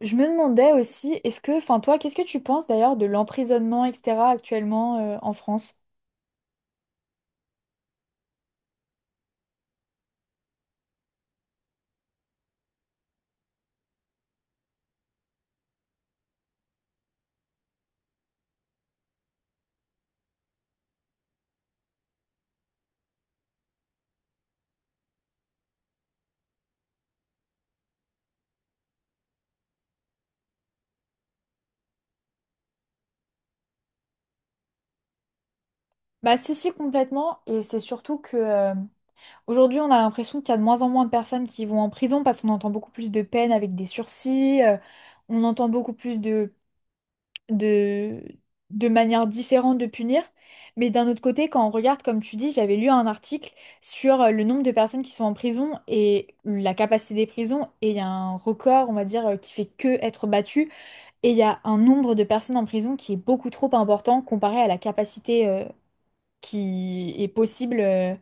Je me demandais aussi, est-ce que, toi, qu'est-ce que tu penses d'ailleurs de l'emprisonnement, etc., actuellement en France? Bah si, si, complètement. Et c'est surtout que aujourd'hui, on a l'impression qu'il y a de moins en moins de personnes qui vont en prison parce qu'on entend beaucoup plus de peines avec des sursis, on entend beaucoup plus de, de manières différentes de punir. Mais d'un autre côté, quand on regarde, comme tu dis, j'avais lu un article sur le nombre de personnes qui sont en prison et la capacité des prisons, et il y a un record, on va dire, qui fait que être battu. Et il y a un nombre de personnes en prison qui est beaucoup trop important comparé à la capacité qui est possible, euh,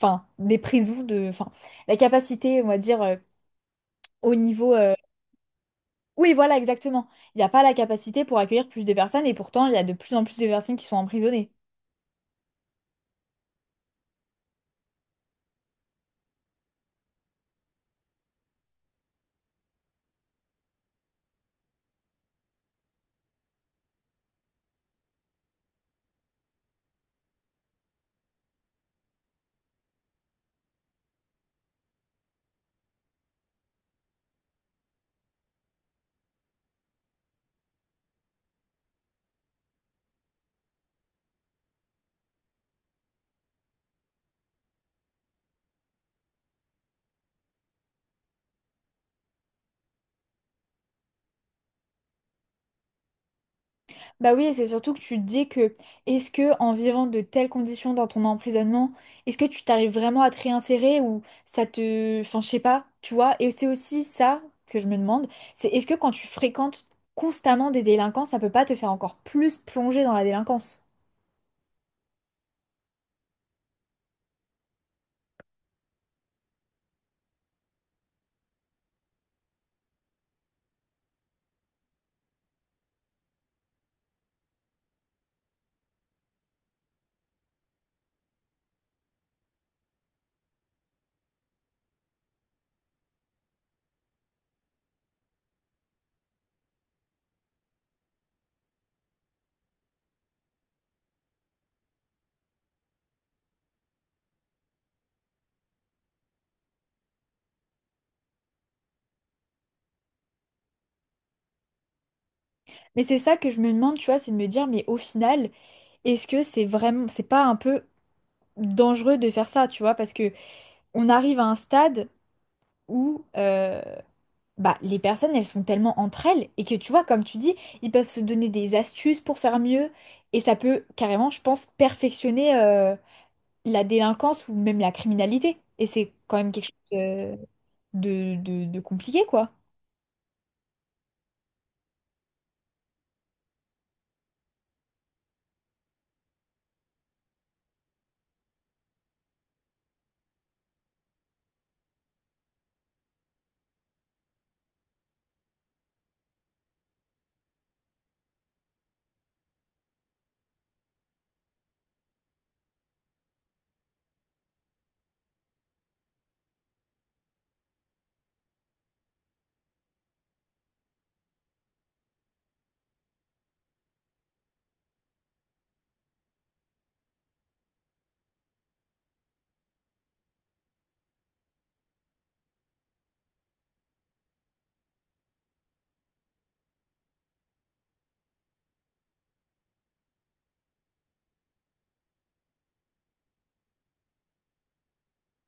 enfin, des prisons la capacité, on va dire, au niveau. Oui, voilà, exactement. Il n'y a pas la capacité pour accueillir plus de personnes et pourtant, il y a de plus en plus de personnes qui sont emprisonnées. Bah oui, et c'est surtout que tu te dis que est-ce que en vivant de telles conditions dans ton emprisonnement, est-ce que tu t'arrives vraiment à te réinsérer ou ça te... Enfin, je sais pas, tu vois. Et c'est aussi ça que je me demande, c'est est-ce que quand tu fréquentes constamment des délinquants, ça peut pas te faire encore plus plonger dans la délinquance? Mais c'est ça que je me demande, tu vois, c'est de me dire, mais au final, est-ce que c'est vraiment... C'est pas un peu dangereux de faire ça, tu vois, parce que on arrive à un stade où... Bah, les personnes, elles sont tellement entre elles et que tu vois, comme tu dis, ils peuvent se donner des astuces pour faire mieux et ça peut carrément, je pense, perfectionner la délinquance ou même la criminalité. Et c'est quand même quelque chose de compliqué, quoi.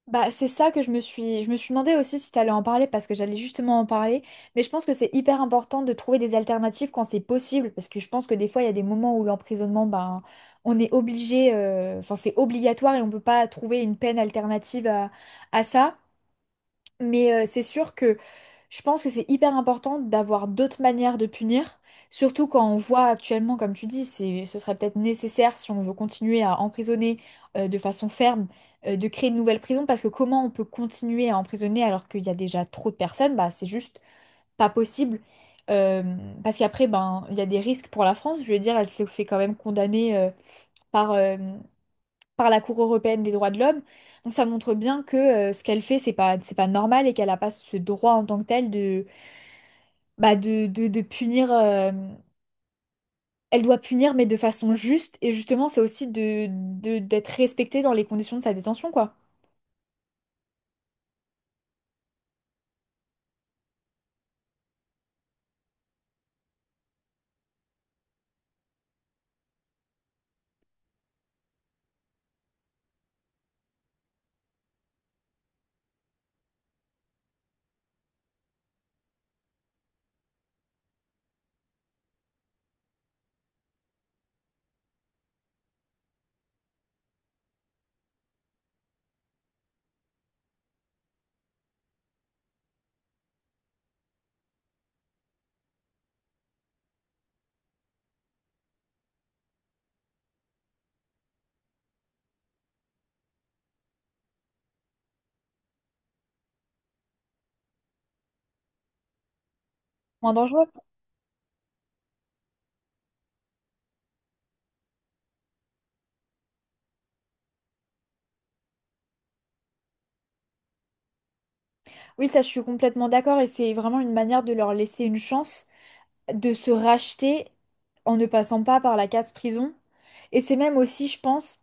Bah, c'est ça que je me suis demandé aussi si t'allais en parler parce que j'allais justement en parler. Mais je pense que c'est hyper important de trouver des alternatives quand c'est possible parce que je pense que des fois il y a des moments où l'emprisonnement, ben, on est obligé, enfin c'est obligatoire et on peut pas trouver une peine alternative à ça. Mais c'est sûr que je pense que c'est hyper important d'avoir d'autres manières de punir, surtout quand on voit actuellement, comme tu dis, ce serait peut-être nécessaire si on veut continuer à emprisonner de façon ferme, de créer de nouvelles prisons, parce que comment on peut continuer à emprisonner alors qu'il y a déjà trop de personnes, bah c'est juste pas possible. Euh, Parce qu'après, ben, il y a des risques pour la France. Je veux dire, elle se fait quand même condamner euh, par, par la Cour européenne des droits de l'homme. Donc ça montre bien que ce qu'elle fait, c'est pas normal et qu'elle n'a pas ce droit en tant que tel bah, de punir. Elle doit punir, mais de façon juste. Et justement, c'est aussi d'être respectée dans les conditions de sa détention, quoi. Moins dangereux. Oui, ça, je suis complètement d'accord. Et c'est vraiment une manière de leur laisser une chance de se racheter en ne passant pas par la case prison. Et c'est même aussi, je pense,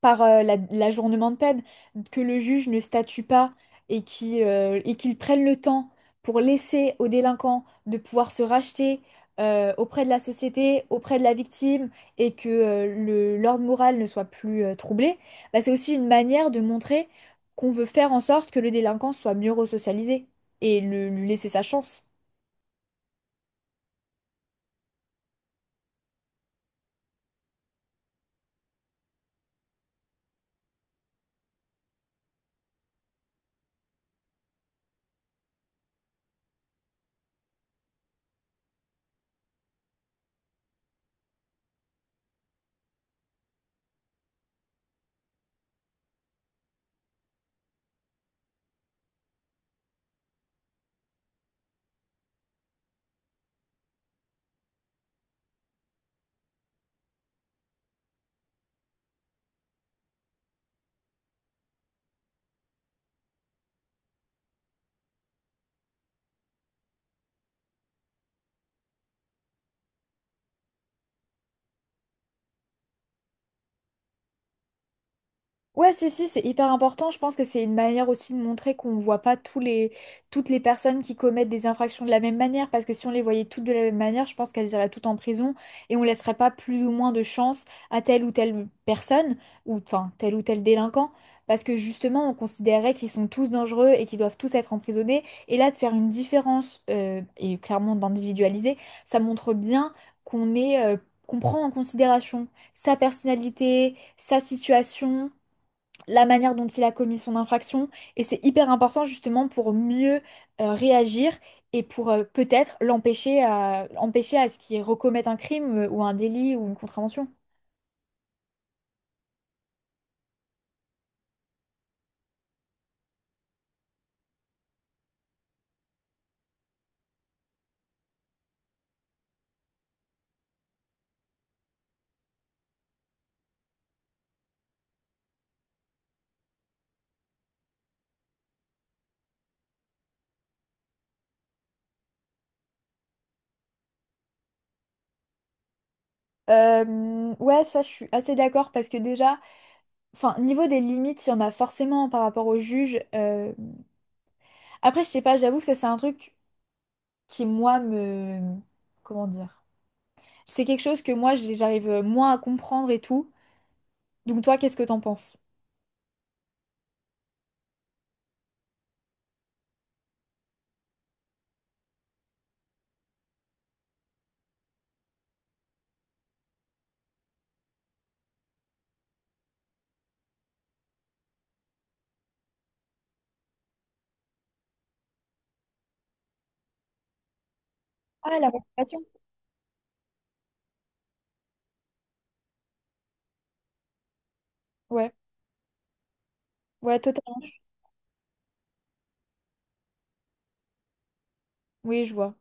par l'ajournement de peine, que le juge ne statue pas et qui, et qu'il prenne le temps pour laisser au délinquant de pouvoir se racheter auprès de la société, auprès de la victime, et que l'ordre moral ne soit plus troublé, bah, c'est aussi une manière de montrer qu'on veut faire en sorte que le délinquant soit mieux resocialisé et lui laisser sa chance. Ouais, si, si, c'est hyper important. Je pense que c'est une manière aussi de montrer qu'on ne voit pas toutes les personnes qui commettent des infractions de la même manière. Parce que si on les voyait toutes de la même manière, je pense qu'elles iraient toutes en prison et on laisserait pas plus ou moins de chance à telle ou telle personne, ou enfin tel ou tel délinquant. Parce que justement, on considérait qu'ils sont tous dangereux et qu'ils doivent tous être emprisonnés. Et là, de faire une différence et clairement d'individualiser, ça montre bien qu'on est, qu'on prend en considération sa personnalité, sa situation la manière dont il a commis son infraction. Et c'est hyper important justement pour mieux réagir et pour peut-être empêcher à ce qu'il recommette un crime ou un délit ou une contravention. Ouais, ça je suis assez d'accord parce que déjà, enfin, niveau des limites, il y en a forcément par rapport au juge. Après, je sais pas, j'avoue que ça c'est un truc qui moi me... Comment dire? C'est quelque chose que moi j'arrive moins à comprendre et tout. Donc toi, qu'est-ce que t'en penses? Ah, la motivation. Ouais, ouais, totalement. Oui, je vois.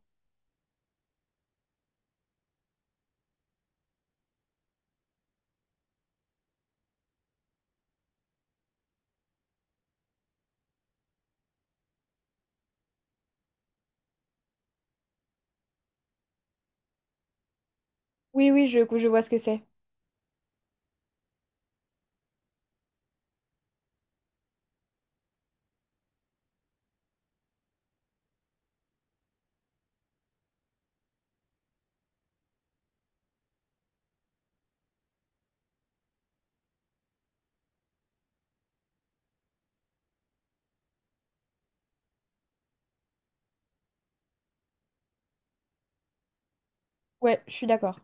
Oui, oui, je vois ce que c'est. Ouais, je suis d'accord.